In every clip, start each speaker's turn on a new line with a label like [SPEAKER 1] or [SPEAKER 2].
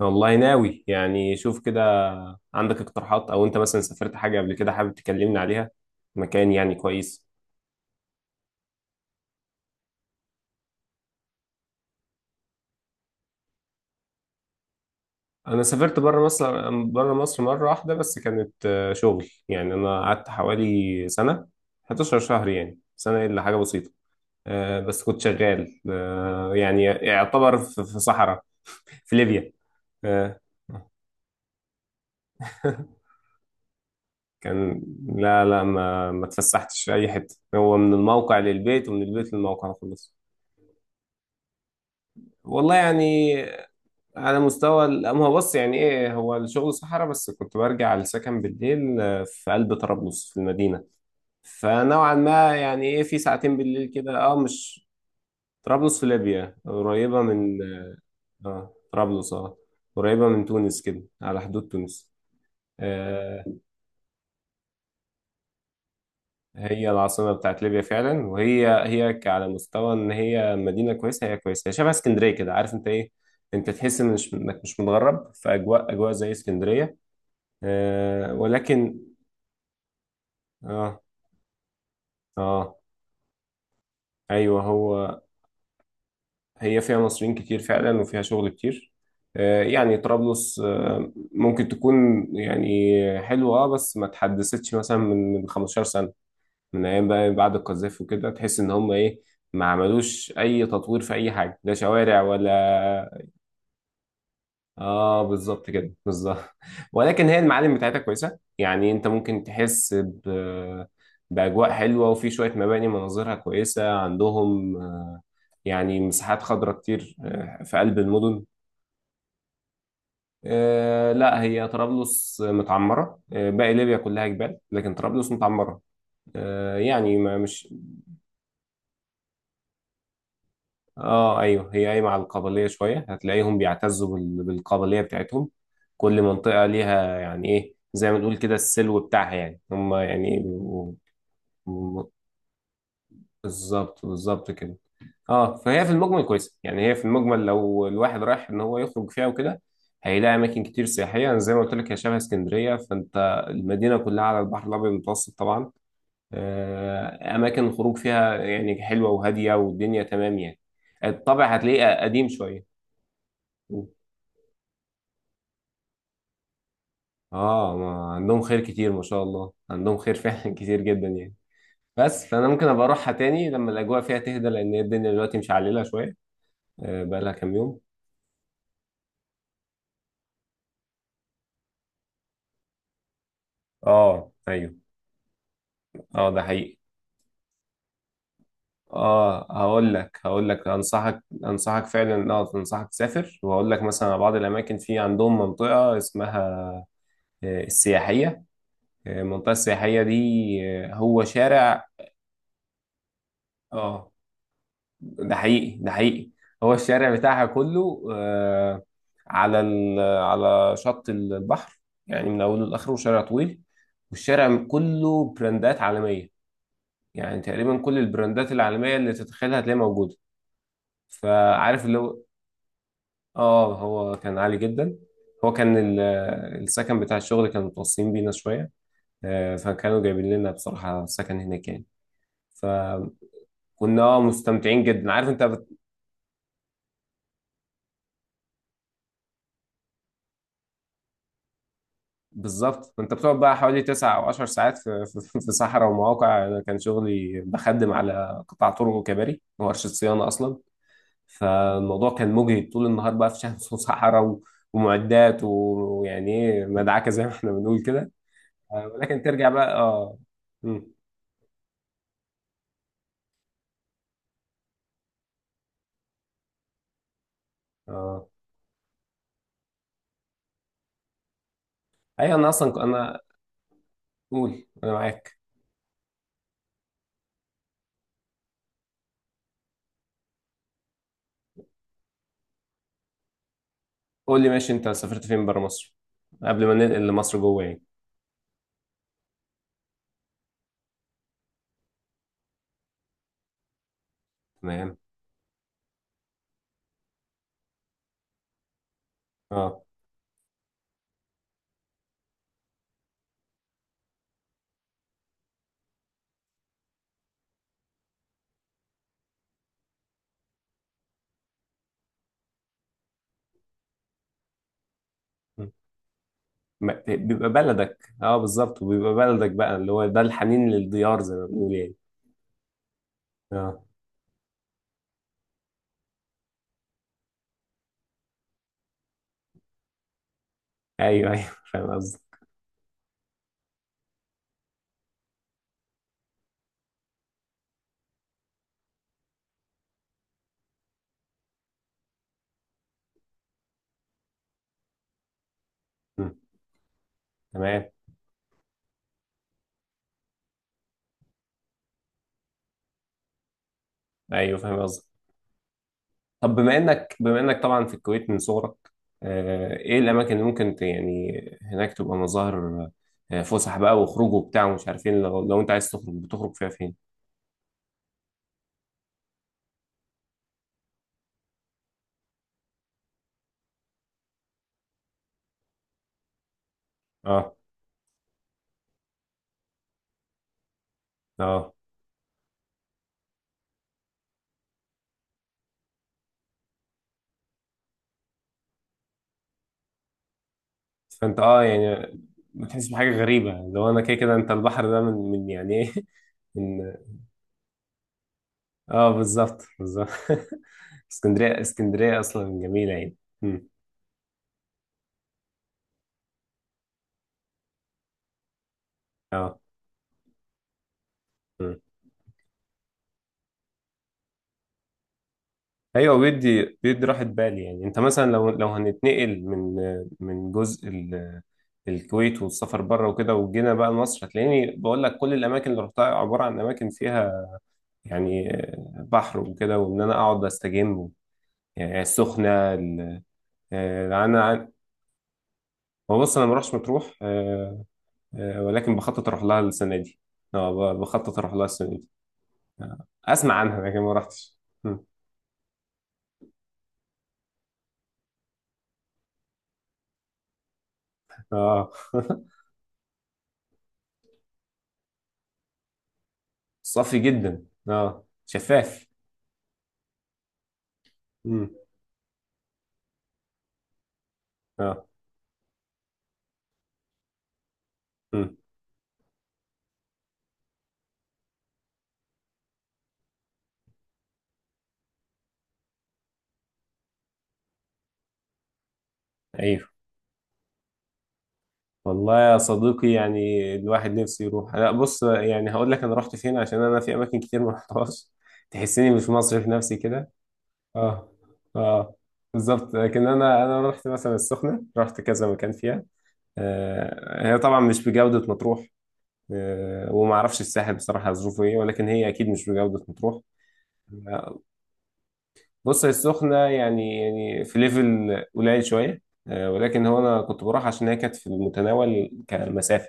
[SPEAKER 1] والله ناوي يعني شوف كده. عندك اقتراحات او انت مثلا سافرت حاجه قبل كده حابب تكلمني عليها مكان يعني كويس. انا سافرت بره مصر، مره واحده بس، كانت شغل، يعني انا قعدت حوالي سنه، 11 شهر، يعني سنه الا حاجه بسيطه. بس كنت شغال، يعني يعتبر في صحراء في ليبيا. آه. كان لا، ما اتفسحتش في اي حته، هو من الموقع للبيت ومن البيت للموقع خلاص. والله يعني على مستوى ما هو بص يعني ايه، هو الشغل صحراء، بس كنت برجع السكن بالليل، في قلب طرابلس في المدينة. فنوعا ما يعني ايه في ساعتين بالليل كده، اه مش طرابلس في ليبيا قريبة من، اه طرابلس اه قريبة من تونس كده على حدود تونس. آه. هي العاصمة بتاعت ليبيا فعلا، وهي على مستوى ان هي مدينة كويسة، هي كويسة، هي شبه اسكندرية كده، عارف انت ايه، انت تحس إن انك مش متغرب في اجواء، زي اسكندرية. آه ولكن اه اه ايوه. هو هي فيها مصريين كتير فعلا، وفيها شغل كتير. آه، يعني طرابلس آه ممكن تكون يعني حلوه، اه بس ما اتحدثتش مثلا من 15 سنه، من ايام بقى بعد القذافي وكده، تحس ان هم ايه، ما عملوش اي تطوير في اي حاجه، لا شوارع ولا. اه بالظبط كده، بالظبط ولكن هي المعالم بتاعتها كويسه، يعني انت ممكن تحس ب... باجواء حلوه، وفي شويه مباني مناظرها كويسه عندهم، يعني مساحات خضراء كتير، في قلب المدن. لا، هي طرابلس متعمره، باقي ليبيا كلها جبال، لكن طرابلس متعمره، يعني ما مش اه ايوه. هي قايمه على القبليه شويه، هتلاقيهم بيعتزوا بالقبليه بتاعتهم. كل منطقه ليها يعني ايه، زي ما نقول كده، السلو بتاعها، يعني هم يعني بيبقوا- بالظبط، بالظبط كده. اه، فهي في المجمل كويسه، يعني هي في المجمل لو الواحد رايح ان هو يخرج فيها وكده، هيلاقي اماكن كتير سياحيه. أنا زي ما قلت لك، هي شبه اسكندريه، فانت المدينه كلها على البحر الابيض المتوسط طبعا. اماكن الخروج فيها يعني حلوه وهاديه والدنيا تمام يعني. الطابع هتلاقيه قديم شويه. اه ما عندهم خير كتير، ما شاء الله، عندهم خير فعلا كتير جدا يعني. بس فانا ممكن ابقى اروحها تاني لما الاجواء فيها تهدى، لان هي الدنيا دلوقتي مشعلله شويه، بقالها كام يوم. اه ايوه. اه ده حقيقي. اه هقول لك، انصحك، فعلا، اه انصحك تسافر. وهقول لك مثلا على بعض الاماكن. في عندهم منطقه اسمها السياحيه، المنطقه السياحيه دي، هو شارع. اه ده حقيقي، ده حقيقي. هو الشارع بتاعها كله، على على شط البحر، يعني من اوله لاخره شارع طويل، والشارع كله براندات عالميه، يعني تقريبا كل البراندات العالميه اللي تتخيلها هتلاقيها موجوده. فعارف اللي هو، اه هو كان عالي جدا. هو كان السكن بتاع الشغل كانوا متوصيين بينا شويه، فكانوا جايبين لنا بصراحه سكن هناك يعني، فكنا مستمتعين جدا، عارف انت. بالظبط، انت بتقعد بقى حوالي تسع او عشر ساعات في صحراء ومواقع، انا كان شغلي بخدم على قطاع طرق وكباري وورشه صيانه اصلا. فالموضوع كان مجهد طول النهار بقى في شمس وصحراء و- ومعدات و- ويعني ايه مدعكه زي ما احنا بنقول كده، ولكن ترجع بقى. اه مم. اه ايوه. انا اصلا ك- انا قول انا معاك. قول لي ماشي، انت سافرت فين بره مصر، قبل ما ننقل لمصر جوه يعني. تمام. اه، ما- بيبقى بلدك، اه بالظبط، وبيبقى بلدك بقى، اللي هو ده الحنين للديار زي ما بنقول يعني. اه ايوه ايوه فاهم قصدك. مم، تمام. ايوه فاهم قصدك. طب بما انك، طبعا في الكويت من صغرك، آه ايه الاماكن اللي ممكن ت- يعني هناك تبقى مظاهر فسح بقى وخروج وبتاع ومش عارف ايه، لو, انت عايز تخرج بتخرج فيها فين. اه اه فانت اه يعني بتحس بحاجه غريبه، لو انا كده كده، انت البحر ده من يعني ايه. من اه بالظبط، بالظبط اسكندريه، اصلا جميله يعني. مم. اه مم. ايوه، بيدي، راحه بال يعني. انت مثلا لو هنتنقل من جزء الكويت، والسفر بره وكده، وجينا بقى مصر، هتلاقيني بقول لك كل الاماكن اللي رحتها عباره عن اماكن فيها يعني بحر وكده، وان انا اقعد استجم يعني، السخنه انا. هو بص انا ما بروحش مطروح، ولكن بخطط اروح لها السنه دي. اه بخطط اروح لها السنه دي، اسمع عنها لكن ما رحتش. مم. اه صافي جدا اه شفاف. مم. اه مم. ايوه. والله يا صديقي، يعني الواحد نفسه يروح. لا بص يعني هقول لك انا رحت فين، عشان انا في اماكن كتير ما رحتهاش، تحسني مش مصري في نفسي كده. اه اه بالظبط. لكن انا رحت مثلا السخنه، رحت كذا مكان فيها. آه هي طبعا مش بجوده مطروح، آه وما اعرفش الساحل بصراحه ظروفه ايه، ولكن هي اكيد مش بجوده مطروح. آه. بص هي السخنة يعني، يعني في ليفل قليل شوية، ولكن هو أنا كنت بروح عشان هي كانت في المتناول كمسافة.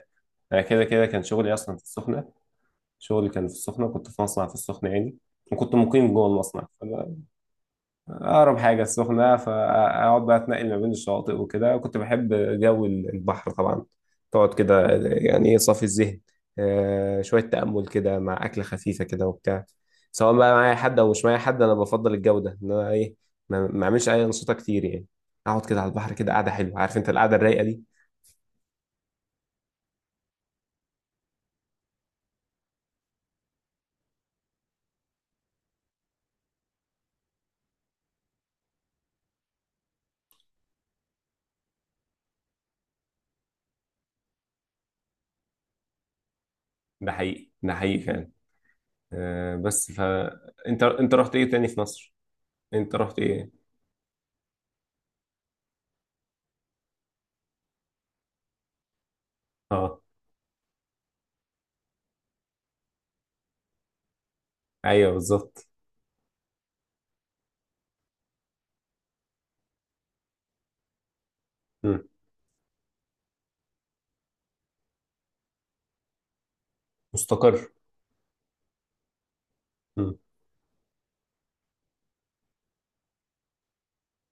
[SPEAKER 1] أنا كده كده كان شغلي أصلا في السخنة، شغلي كان في السخنة، كنت في مصنع في السخنة يعني، وكنت مقيم جوه المصنع. اقرب حاجه السخنه، فاقعد بقى اتنقل ما بين الشواطئ وكده، كنت بحب جو البحر طبعا. تقعد كده يعني ايه صافي الذهن، شويه تامل كده مع اكله خفيفه كده وبتاع، سواء بقى معايا حد او مش معايا حد، انا بفضل الجو ده، ان انا ايه ما اعملش اي انشطه كتير يعني، اقعد كده على البحر كده، قاعده حلوه، عارف انت القعده الرايقه دي. ده حقيقي، ده حقيقي فعلا، بس ف انت رحت ايه تاني في مصر، انت رحت ايه. اه ايوه بالظبط. مم. مستقر. مم.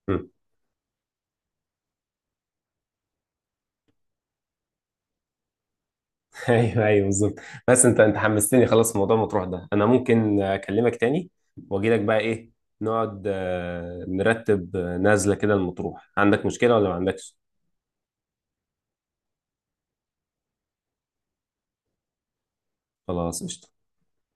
[SPEAKER 1] مم. ايوه ايوه بالظبط. بس انت حمستني خلاص في موضوع مطروح ده، انا ممكن اكلمك تاني واجي لك بقى ايه، نقعد نرتب، نازله كده المطروح، عندك مشكله ولا ما عندكش؟ خلاص قشطه.